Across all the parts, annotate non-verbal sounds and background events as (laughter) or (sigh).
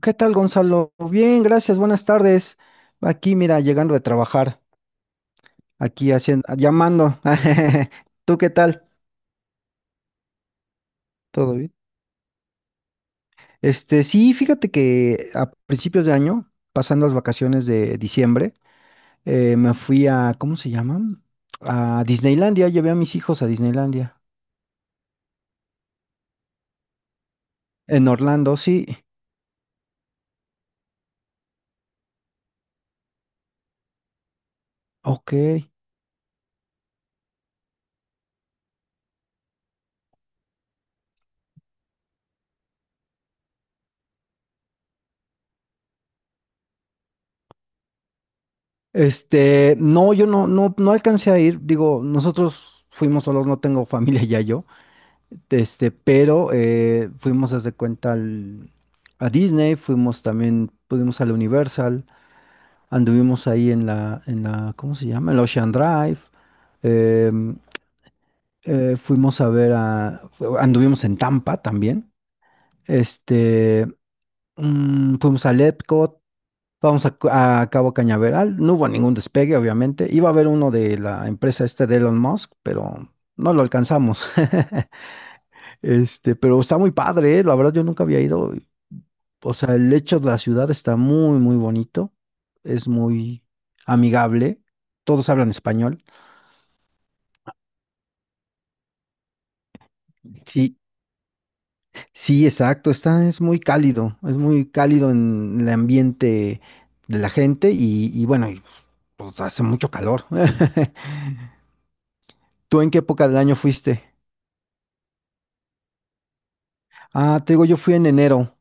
¿Qué tal, Gonzalo? Bien, gracias, buenas tardes. Aquí, mira, llegando de trabajar, aquí haciendo, llamando. (laughs) ¿Tú qué tal? ¿Todo bien? Este, sí, fíjate que a principios de año, pasando las vacaciones de diciembre, me fui a, ¿cómo se llama? A Disneylandia, llevé a mis hijos a Disneylandia. En Orlando, sí. Ok. Este, no, yo no alcancé a ir. Digo, nosotros fuimos solos, no tengo (laughs) familia ya yo. Este, pero fuimos haz de cuenta a Disney, fuimos también, pudimos al Universal, anduvimos ahí en la, ¿cómo se llama? El Ocean Drive, em, fuimos a ver a, anduvimos en Tampa también, este, fuimos al Epcot, vamos a Cabo Cañaveral. No hubo ningún despegue, obviamente. Iba a haber uno de la empresa este de Elon Musk, pero no lo alcanzamos. (laughs) Este, pero está muy padre, ¿eh? La verdad yo nunca había ido. O sea, el hecho de la ciudad está muy, muy bonito. Es muy amigable. Todos hablan español. Sí, sí, exacto. Es muy cálido. Es muy cálido en el ambiente de la gente y, bueno, pues hace mucho calor. (laughs) ¿Tú en qué época del año fuiste? Ah, te digo, yo fui en enero.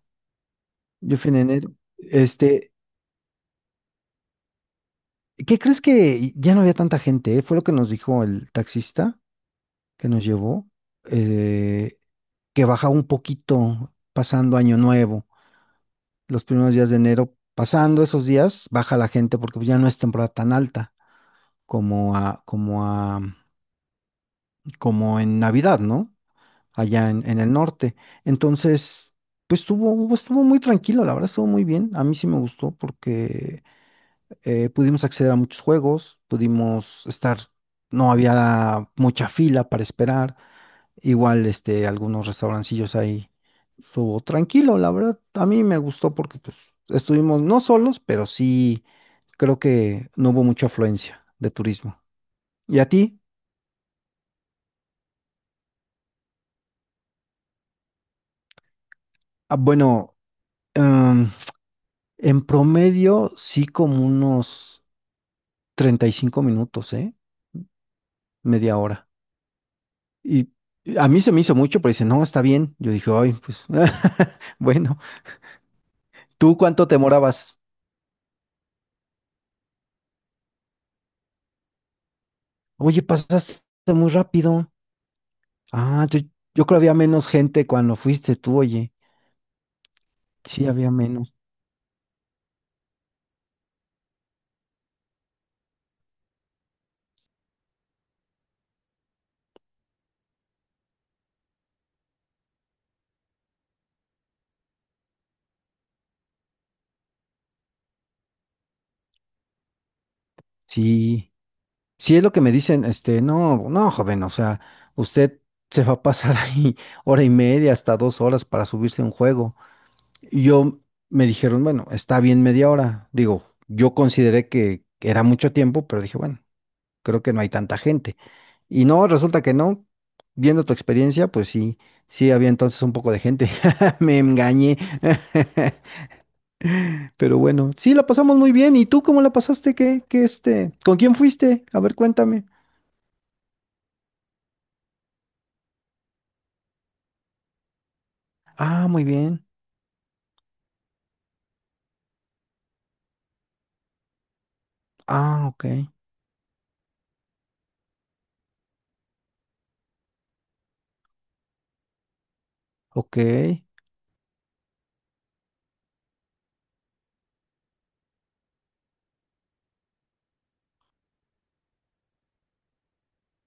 Yo fui en enero. Este, ¿qué crees? Que ya no había tanta gente, ¿eh? Fue lo que nos dijo el taxista que nos llevó, eh, que bajaba un poquito pasando Año Nuevo. Los primeros días de enero, pasando esos días, baja la gente porque pues, ya no es temporada tan alta como a, como a, como en Navidad, ¿no? Allá en el norte. Entonces, pues estuvo muy tranquilo, la verdad, estuvo muy bien. A mí sí me gustó porque pudimos acceder a muchos juegos, pudimos estar, no había mucha fila para esperar, igual este, algunos restaurancillos ahí estuvo tranquilo, la verdad. A mí me gustó porque pues estuvimos no solos, pero sí creo que no hubo mucha afluencia de turismo. ¿Y a ti? Ah, bueno, em, en promedio sí como unos 35 minutos, ¿eh? Media hora. Y a mí se me hizo mucho, pero dice, no, está bien. Yo dije, ay, pues, (laughs) bueno, ¿tú cuánto te demorabas? Oye, pasaste muy rápido. Ah, yo creo había menos gente cuando fuiste tú, oye. Sí, había menos. Sí, sí es lo que me dicen, este, no, no, joven, o sea, usted se va a pasar (laughs) ahí hora y media hasta 2 horas para subirse a un juego. Y yo, me dijeron, bueno, está bien media hora. Digo, yo consideré que era mucho tiempo, pero dije, bueno, creo que no hay tanta gente. Y no, resulta que no. Viendo tu experiencia, pues sí, sí había entonces un poco de gente. (laughs) Me engañé. (laughs) Pero bueno, sí, la pasamos muy bien. ¿Y tú cómo la pasaste? ¿Qué este? ¿Con quién fuiste? A ver, cuéntame. Ah, muy bien. Ah, ok, ok,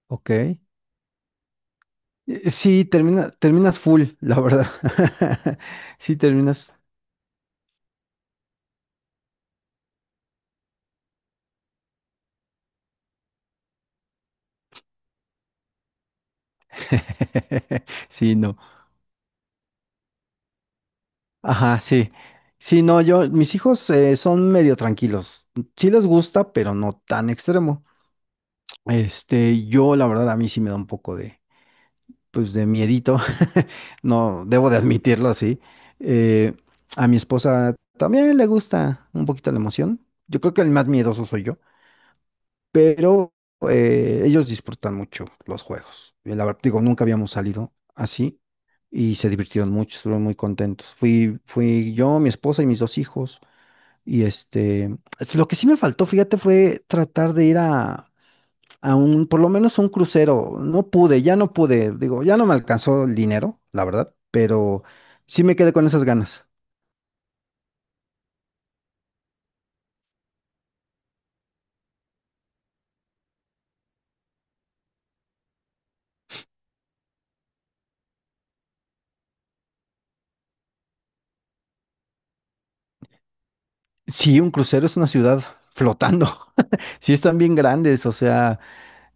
ok. Sí, terminas full, la verdad. (laughs) Sí, terminas. (laughs) Sí, no. Ajá, sí. Sí, no, mis hijos son medio tranquilos. Sí les gusta, pero no tan extremo. Este, yo, la verdad, a mí sí me da un poco pues, de miedito. (laughs) No, debo de admitirlo así. Eh, a mi esposa también le gusta un poquito la emoción. Yo creo que el más miedoso soy yo, pero ellos disfrutan mucho los juegos. Y la verdad, digo, nunca habíamos salido así y se divirtieron mucho, estuvieron muy contentos. Fui yo, mi esposa y mis dos hijos. Y este, lo que sí me faltó, fíjate, fue tratar de ir a, por lo menos a un crucero. Ya no pude, digo, ya no me alcanzó el dinero, la verdad, pero sí me quedé con esas ganas. Sí, un crucero es una ciudad flotando. (laughs) Sí están bien grandes, o sea,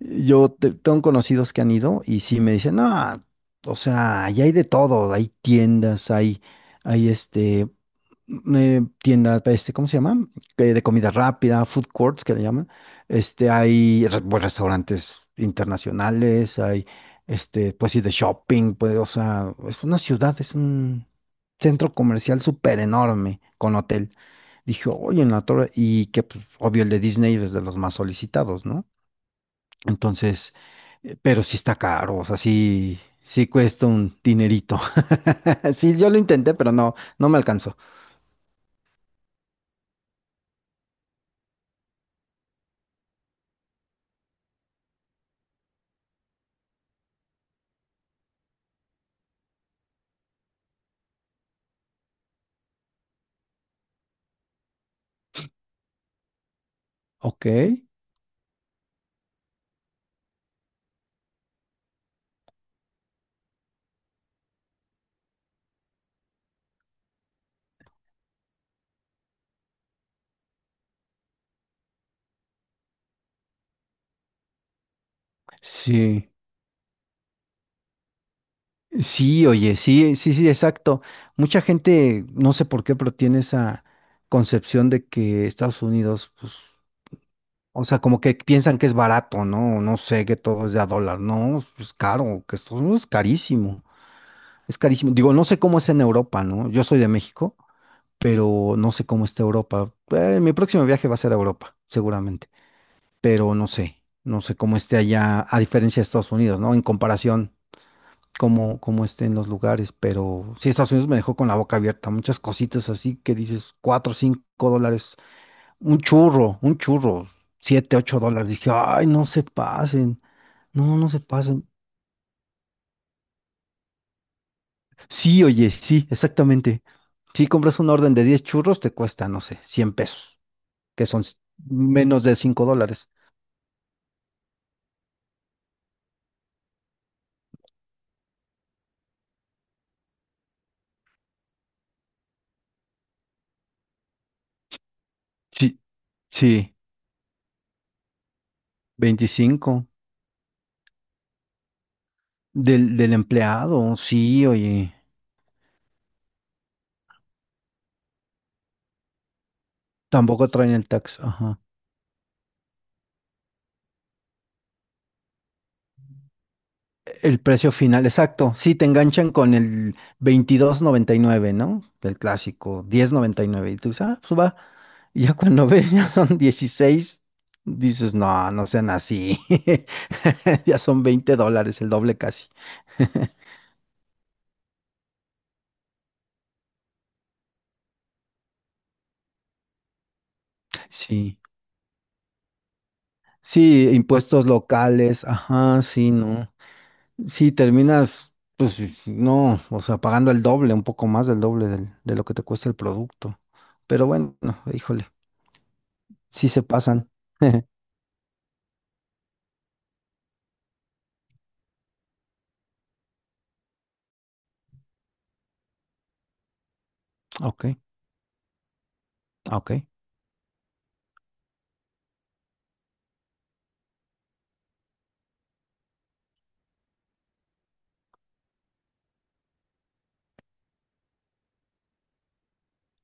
yo tengo conocidos que han ido y sí me dicen, no, o sea, ahí hay de todo, hay tiendas, hay este, tiendas, este, ¿cómo se llama? De comida rápida, food courts que le llaman. Este, hay pues, restaurantes internacionales, este, pues sí, de shopping, pues, o sea, es una ciudad, es un centro comercial súper enorme con hotel. Dije, oye, en la torre, y que, pues, obvio, el de Disney es de los más solicitados, ¿no? Entonces, pero sí está caro, o sea, sí, sí cuesta un dinerito. (laughs) Sí, yo lo intenté, pero no, no me alcanzó. Ok, sí, sí, oye, sí, sí, sí, exacto. Mucha gente, no sé por qué, pero tiene esa concepción de que Estados Unidos, pues, o sea, como que piensan que es barato, ¿no? No sé, que todo es de a dólar. No, es caro, que Estados Unidos es carísimo, es carísimo. Digo, no sé cómo es en Europa, ¿no? Yo soy de México, pero no sé cómo está Europa. Mi próximo viaje va a ser a Europa, seguramente, pero no sé, no sé cómo esté allá, a diferencia de Estados Unidos, ¿no? En comparación, cómo, estén los lugares, pero sí, Estados Unidos me dejó con la boca abierta, muchas cositas así que dices, cuatro, cinco dólares, un churro, siete, ocho dólares. Dije, ay, no se pasen, no, no se pasen. Sí, oye, sí, exactamente. Si compras una orden de 10 churros, te cuesta, no sé, 100 pesos, que son menos de $5. Sí, sí, 25 del empleado, sí, oye, tampoco traen el tax, ajá. El precio final, exacto, sí, te enganchan con el 22.99, ¿no? El clásico, 10.99, y tú dices, ah, pues va, y ya cuando ves, (laughs) ya son 16, dices, no, no sean así, (laughs) ya son $20, el doble casi, (laughs) sí, sí, impuestos locales, ajá, sí, no. Sí, terminas, pues sí, sí, no, o sea, pagando el doble, un poco más del doble de lo que te cuesta el producto. Pero bueno, híjole, sí se pasan. (laughs) Ok, ok,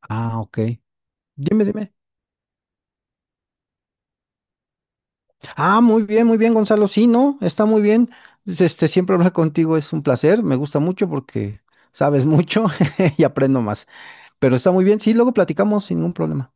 ah, ok. Dime, dime. Ah, muy bien, Gonzalo. Sí, no, está muy bien. Este, siempre hablar contigo es un placer, me gusta mucho porque sabes mucho (laughs) y aprendo más. Pero está muy bien, sí, luego platicamos sin ningún problema.